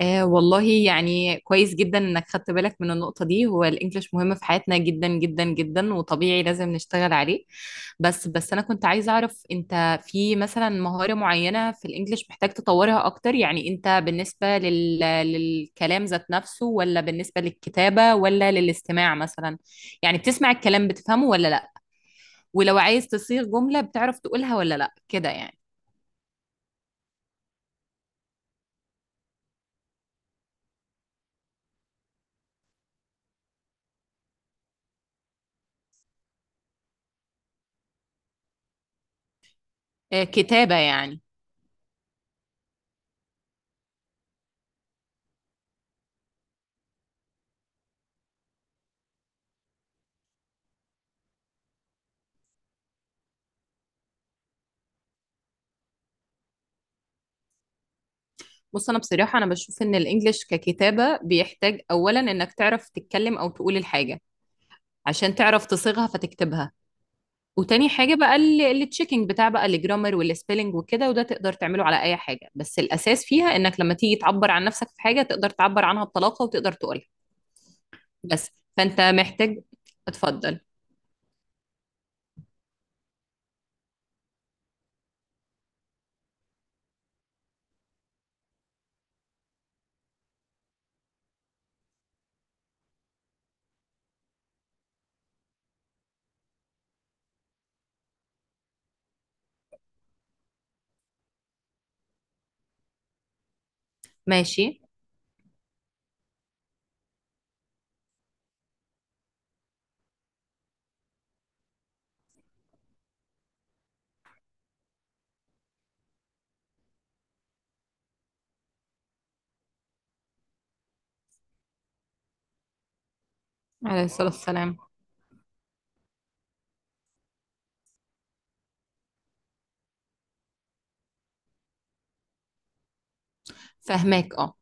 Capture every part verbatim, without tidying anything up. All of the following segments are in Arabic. آه والله، يعني كويس جدا انك خدت بالك من النقطة دي. هو الانجليش مهم في حياتنا جدا جدا جدا، وطبيعي لازم نشتغل عليه. بس بس انا كنت عايزة اعرف، انت في مثلا مهارة معينة في الانجليش محتاج تطورها اكتر؟ يعني انت بالنسبة لل... للكلام ذات نفسه، ولا بالنسبة للكتابة، ولا للاستماع مثلا؟ يعني بتسمع الكلام بتفهمه ولا لا؟ ولو عايز تصيغ جملة بتعرف تقولها ولا لا، كده يعني. آه، كتابة يعني. بص، انا بصراحه انا بشوف ان الانجليش ككتابه بيحتاج اولا انك تعرف تتكلم او تقول الحاجه عشان تعرف تصيغها فتكتبها. وتاني حاجه بقى التشيكينج بتاع بقى الجرامر والسبيلنج وكده، وده تقدر تعمله على اي حاجه. بس الاساس فيها انك لما تيجي تعبر عن نفسك في حاجه تقدر تعبر عنها بطلاقه وتقدر تقولها. بس، فانت محتاج. اتفضل. ماشي. عليه الصلاه والسلام. فهماك، اه.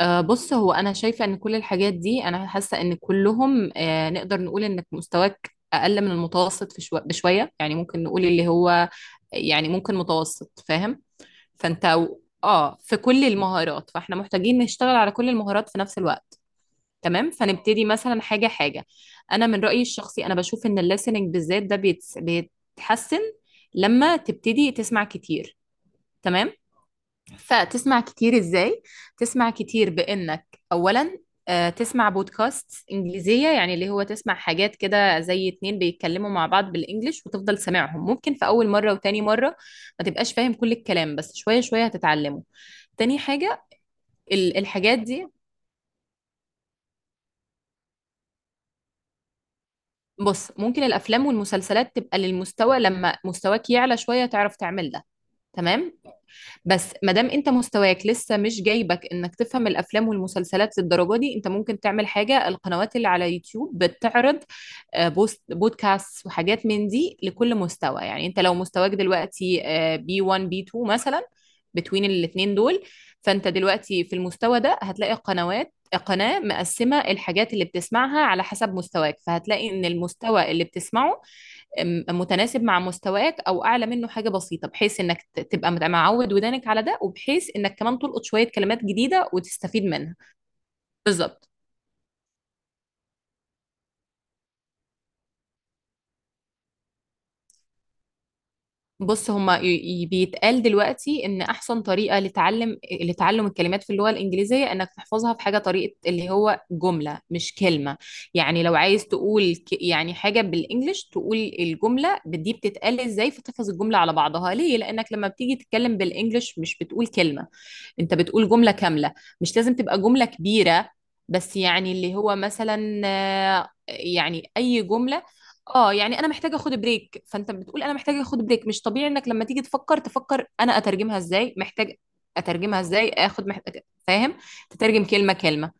آه، بص، هو انا شايفه ان كل الحاجات دي انا حاسه ان كلهم، آه، نقدر نقول انك مستواك اقل من المتوسط في شو... بشويه، يعني ممكن نقول اللي هو يعني ممكن متوسط، فاهم؟ فانت و- اه في كل المهارات، فاحنا محتاجين نشتغل على كل المهارات في نفس الوقت. تمام. فنبتدي مثلا حاجه حاجه. انا من رايي الشخصي انا بشوف ان الليسننج بالذات ده بيتس... بيتحسن لما تبتدي تسمع كتير. تمام. فتسمع كتير ازاي؟ تسمع كتير بانك اولا آه، تسمع بودكاست انجليزية، يعني اللي هو تسمع حاجات كده زي اتنين بيتكلموا مع بعض بالانجلش وتفضل سامعهم. ممكن في اول مرة وتاني مرة ما تبقاش فاهم كل الكلام، بس شوية شوية هتتعلمه. تاني حاجة ال- الحاجات دي، بص ممكن الافلام والمسلسلات تبقى للمستوى لما مستواك يعلى شوية تعرف تعمل ده. تمام. بس ما دام انت مستواك لسه مش جايبك انك تفهم الافلام والمسلسلات للدرجه دي، انت ممكن تعمل حاجه: القنوات اللي على يوتيوب بتعرض آه، بوست بودكاست وحاجات من دي لكل مستوى. يعني انت لو مستواك دلوقتي آه، بي وان بي اتنين مثلا، بتوين الاتنين دول، فانت دلوقتي في المستوى ده هتلاقي قنوات، قناة مقسمة الحاجات اللي بتسمعها على حسب مستواك، فهتلاقي ان المستوى اللي بتسمعه م- متناسب مع مستواك او اعلى منه حاجه بسيطه، بحيث انك ت- تبقى مت- معود ودانك على ده، وبحيث انك كمان تلقط شويه كلمات جديده وتستفيد منها. بالظبط. بص، هما ي- ي- بيتقال دلوقتي ان احسن طريقه لتعلم لتعلم الكلمات في اللغه الانجليزيه انك تحفظها في حاجه طريقه اللي هو جمله مش كلمه. يعني لو عايز تقول ك- يعني حاجه بالانجلش، تقول الجمله دي بتتقال ازاي، فتحفظ الجمله على بعضها. ليه؟ لانك لما بتيجي تتكلم بالانجلش مش بتقول كلمه، انت بتقول جمله كامله. مش لازم تبقى جمله كبيره، بس يعني اللي هو مثلا آه، يعني اي جمله. اه، يعني انا محتاجه اخد بريك، فانت بتقول انا محتاجه اخد بريك. مش طبيعي انك لما تيجي تفكر تفكر انا اترجمها ازاي، محتاج اترجمها ازاي، اخد مح... فاهم؟ تترجم كلمه كلمه.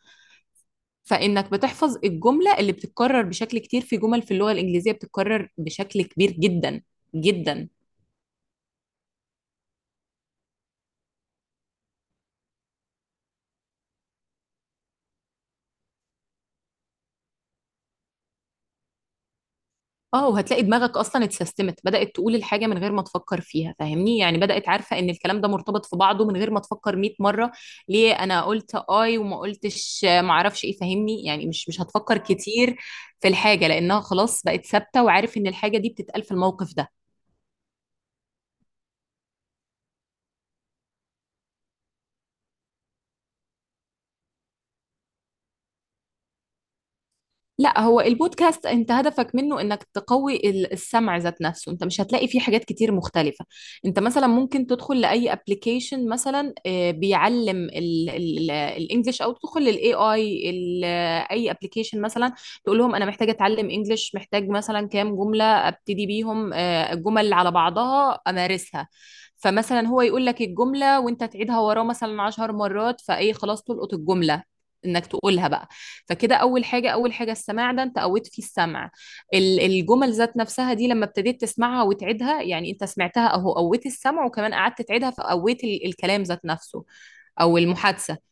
فانك بتحفظ الجمله اللي بتتكرر بشكل كتير. في جمل في اللغه الانجليزيه بتتكرر بشكل كبير جدا جدا. اه، وهتلاقي دماغك اصلا اتسيستمت، بدأت تقول الحاجة من غير ما تفكر فيها، فاهمني؟ يعني بدأت عارفة ان الكلام ده مرتبط في بعضه من غير ما تفكر مئة مرة ليه انا قلت اي وما قلتش آه، ما اعرفش ايه. فاهمني؟ يعني مش مش هتفكر كتير في الحاجة، لانها خلاص بقت ثابتة، وعارف ان الحاجة دي بتتقال في الموقف ده. لا، هو البودكاست انت هدفك منه انك تقوي ال- السمع ذات نفسه. انت مش هتلاقي فيه حاجات كتير مختلفة. انت مثلا ممكن تدخل لأي ابلكيشن مثلا آه، بيعلم ال- ال- الانجليش، او تدخل للاي اي اي ابلكيشن مثلا، تقول لهم انا محتاجة اتعلم انجليش، محتاج مثلا كام جملة ابتدي بيهم آه، الجمل على بعضها امارسها. فمثلا هو يقول لك الجملة وانت تعيدها وراه مثلا عشر مرات، فايه خلاص تلقط الجملة انك تقولها بقى. فكده اول حاجه اول حاجه السماع، ده انت قويت فيه السمع. ال- الجمل ذات نفسها دي لما ابتديت تسمعها وتعيدها، يعني انت سمعتها اهو قويت السمع، وكمان قعدت تعيدها فقويت ال- الكلام ذات نفسه، او المحادثه.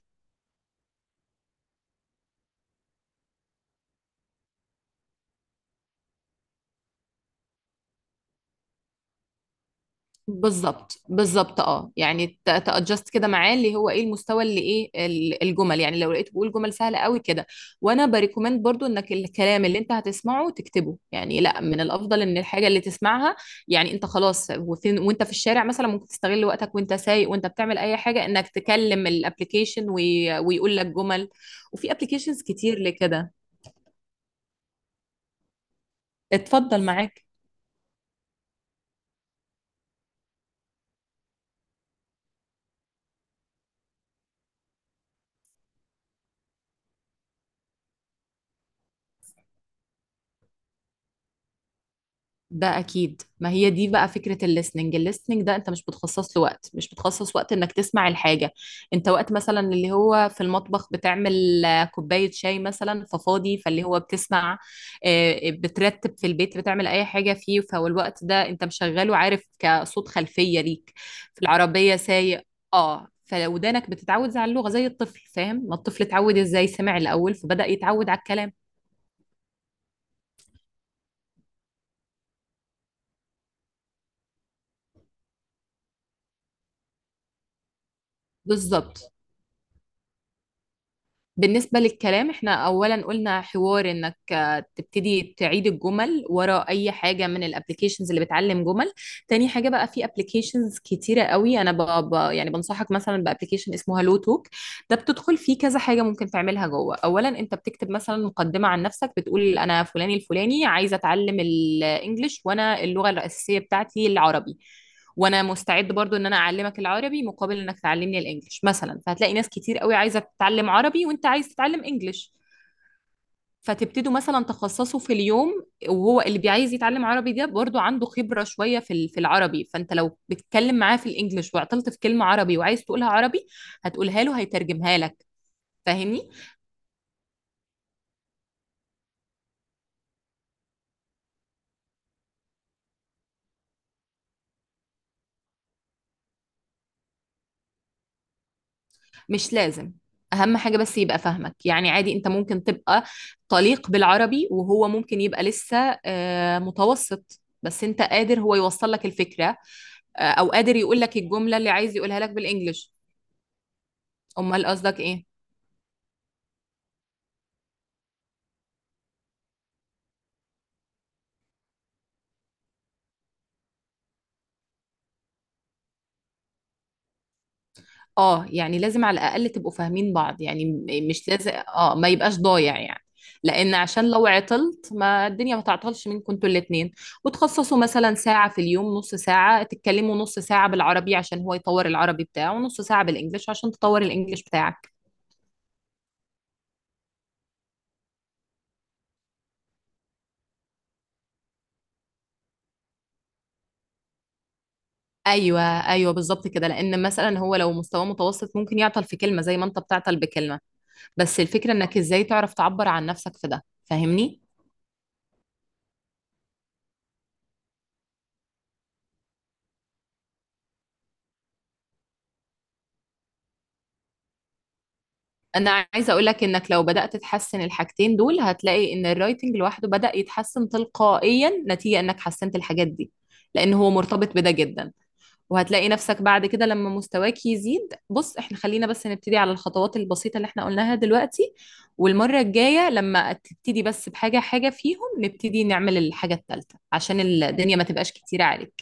بالظبط بالظبط. اه، يعني تادجست كده معاه اللي هو ايه المستوى، اللي ايه ال- الجمل. يعني لو لقيته بيقول جمل سهله قوي كده، وانا بريكومند برضو انك الكلام اللي انت هتسمعه تكتبه، يعني لا، من الافضل ان الحاجه اللي تسمعها، يعني انت خلاص وفين وانت في الشارع مثلا ممكن تستغل وقتك، وانت سايق وانت بتعمل اي حاجه انك تكلم الابلكيشن ويقول لك جمل. وفي ابلكيشنز كتير لكده. اتفضل معاك. ده اكيد، ما هي دي بقى فكره الليسننج. الليسننج ده انت مش بتخصص له وقت، مش بتخصص وقت انك تسمع الحاجه. انت وقت مثلا اللي هو في المطبخ بتعمل آه، كوبايه شاي مثلا ففاضي، فاللي هو بتسمع، آه، بترتب في البيت بتعمل اي حاجه فيه، فهو الوقت ده انت مشغله عارف كصوت خلفيه ليك في العربيه سايق. اه، فودانك بتتعود على اللغه زي الطفل. فاهم؟ ما الطفل اتعود ازاي؟ سمع الاول فبدا يتعود على الكلام. بالظبط. بالنسبة للكلام احنا أولا قلنا حوار إنك آه، تبتدي تعيد الجمل ورا أي حاجة من الابليكيشنز اللي بتعلم جمل. تاني حاجة بقى في ابليكيشنز كتيرة قوي، أنا ب... ب... يعني بنصحك مثلا بابليكيشن اسمه هالو توك. ده بتدخل فيه كذا حاجة ممكن تعملها جوه. أولا أنت بتكتب مثلا مقدمة عن نفسك بتقول أنا فلاني الفلاني، عايزة أتعلم الإنجليش، وأنا اللغة الأساسية بتاعتي العربي، وانا مستعد برضو ان انا اعلمك العربي مقابل انك تعلمني الانجليش مثلا. فهتلاقي ناس كتير قوي عايزه تتعلم عربي، وانت عايز تتعلم انجليش، فتبتدوا مثلا تخصصوا في اليوم. وهو اللي بيعايز يتعلم عربي ده برضو عنده خبره شويه في ال- في العربي، فانت لو بتتكلم معاه في الانجليش وعطلت في كلمه عربي وعايز تقولها عربي، هتقولها له، هيترجمها لك. فاهمني؟ مش لازم. اهم حاجة بس يبقى فاهمك. يعني عادي، انت ممكن تبقى طليق بالعربي وهو ممكن يبقى لسه آه، متوسط، بس انت قادر هو يوصل لك الفكرة، آه، او قادر يقول لك الجملة اللي عايز يقولها لك بالانجلش. امال قصدك ايه؟ اه، يعني لازم على الاقل تبقوا فاهمين بعض، يعني م- مش لازم، اه، ما يبقاش ضايع يعني. لان عشان لو عطلت، ما الدنيا ما تعطلش منكم انتوا الاتنين، وتخصصوا مثلا ساعة في اليوم، نص ساعة تتكلموا نص ساعة بالعربي عشان هو يطور العربي بتاعه، ونص ساعة بالانجليش عشان تطور الانجليش بتاعك. ايوه ايوه، بالظبط كده. لان مثلا هو لو مستواه متوسط ممكن يعطل في كلمة زي ما انت بتعطل بكلمة. بس الفكرة انك ازاي تعرف تعبر عن نفسك في ده. فاهمني؟ انا عايزه اقول لك انك لو بدات تحسن الحاجتين دول، هتلاقي ان الرايتنج لوحده بدا يتحسن تلقائيا نتيجه انك حسنت الحاجات دي، لان هو مرتبط بده جدا. وهتلاقي نفسك بعد كده لما مستواك يزيد. بص، احنا خلينا بس نبتدي على الخطوات البسيطه اللي احنا قلناها دلوقتي، والمره الجايه لما تبتدي بس بحاجه حاجه فيهم، نبتدي نعمل الحاجه الثالثه عشان الدنيا ما تبقاش كتيره عليك.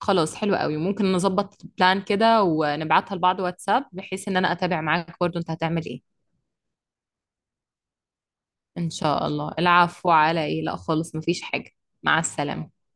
خلاص حلو قوي، ممكن نظبط بلان كده ونبعتها لبعض واتساب، بحيث ان انا اتابع معاك برضو انت هتعمل ايه. إن شاء الله. العفو، على إيه؟ لا خالص، مفيش حاجة. مع السلامة.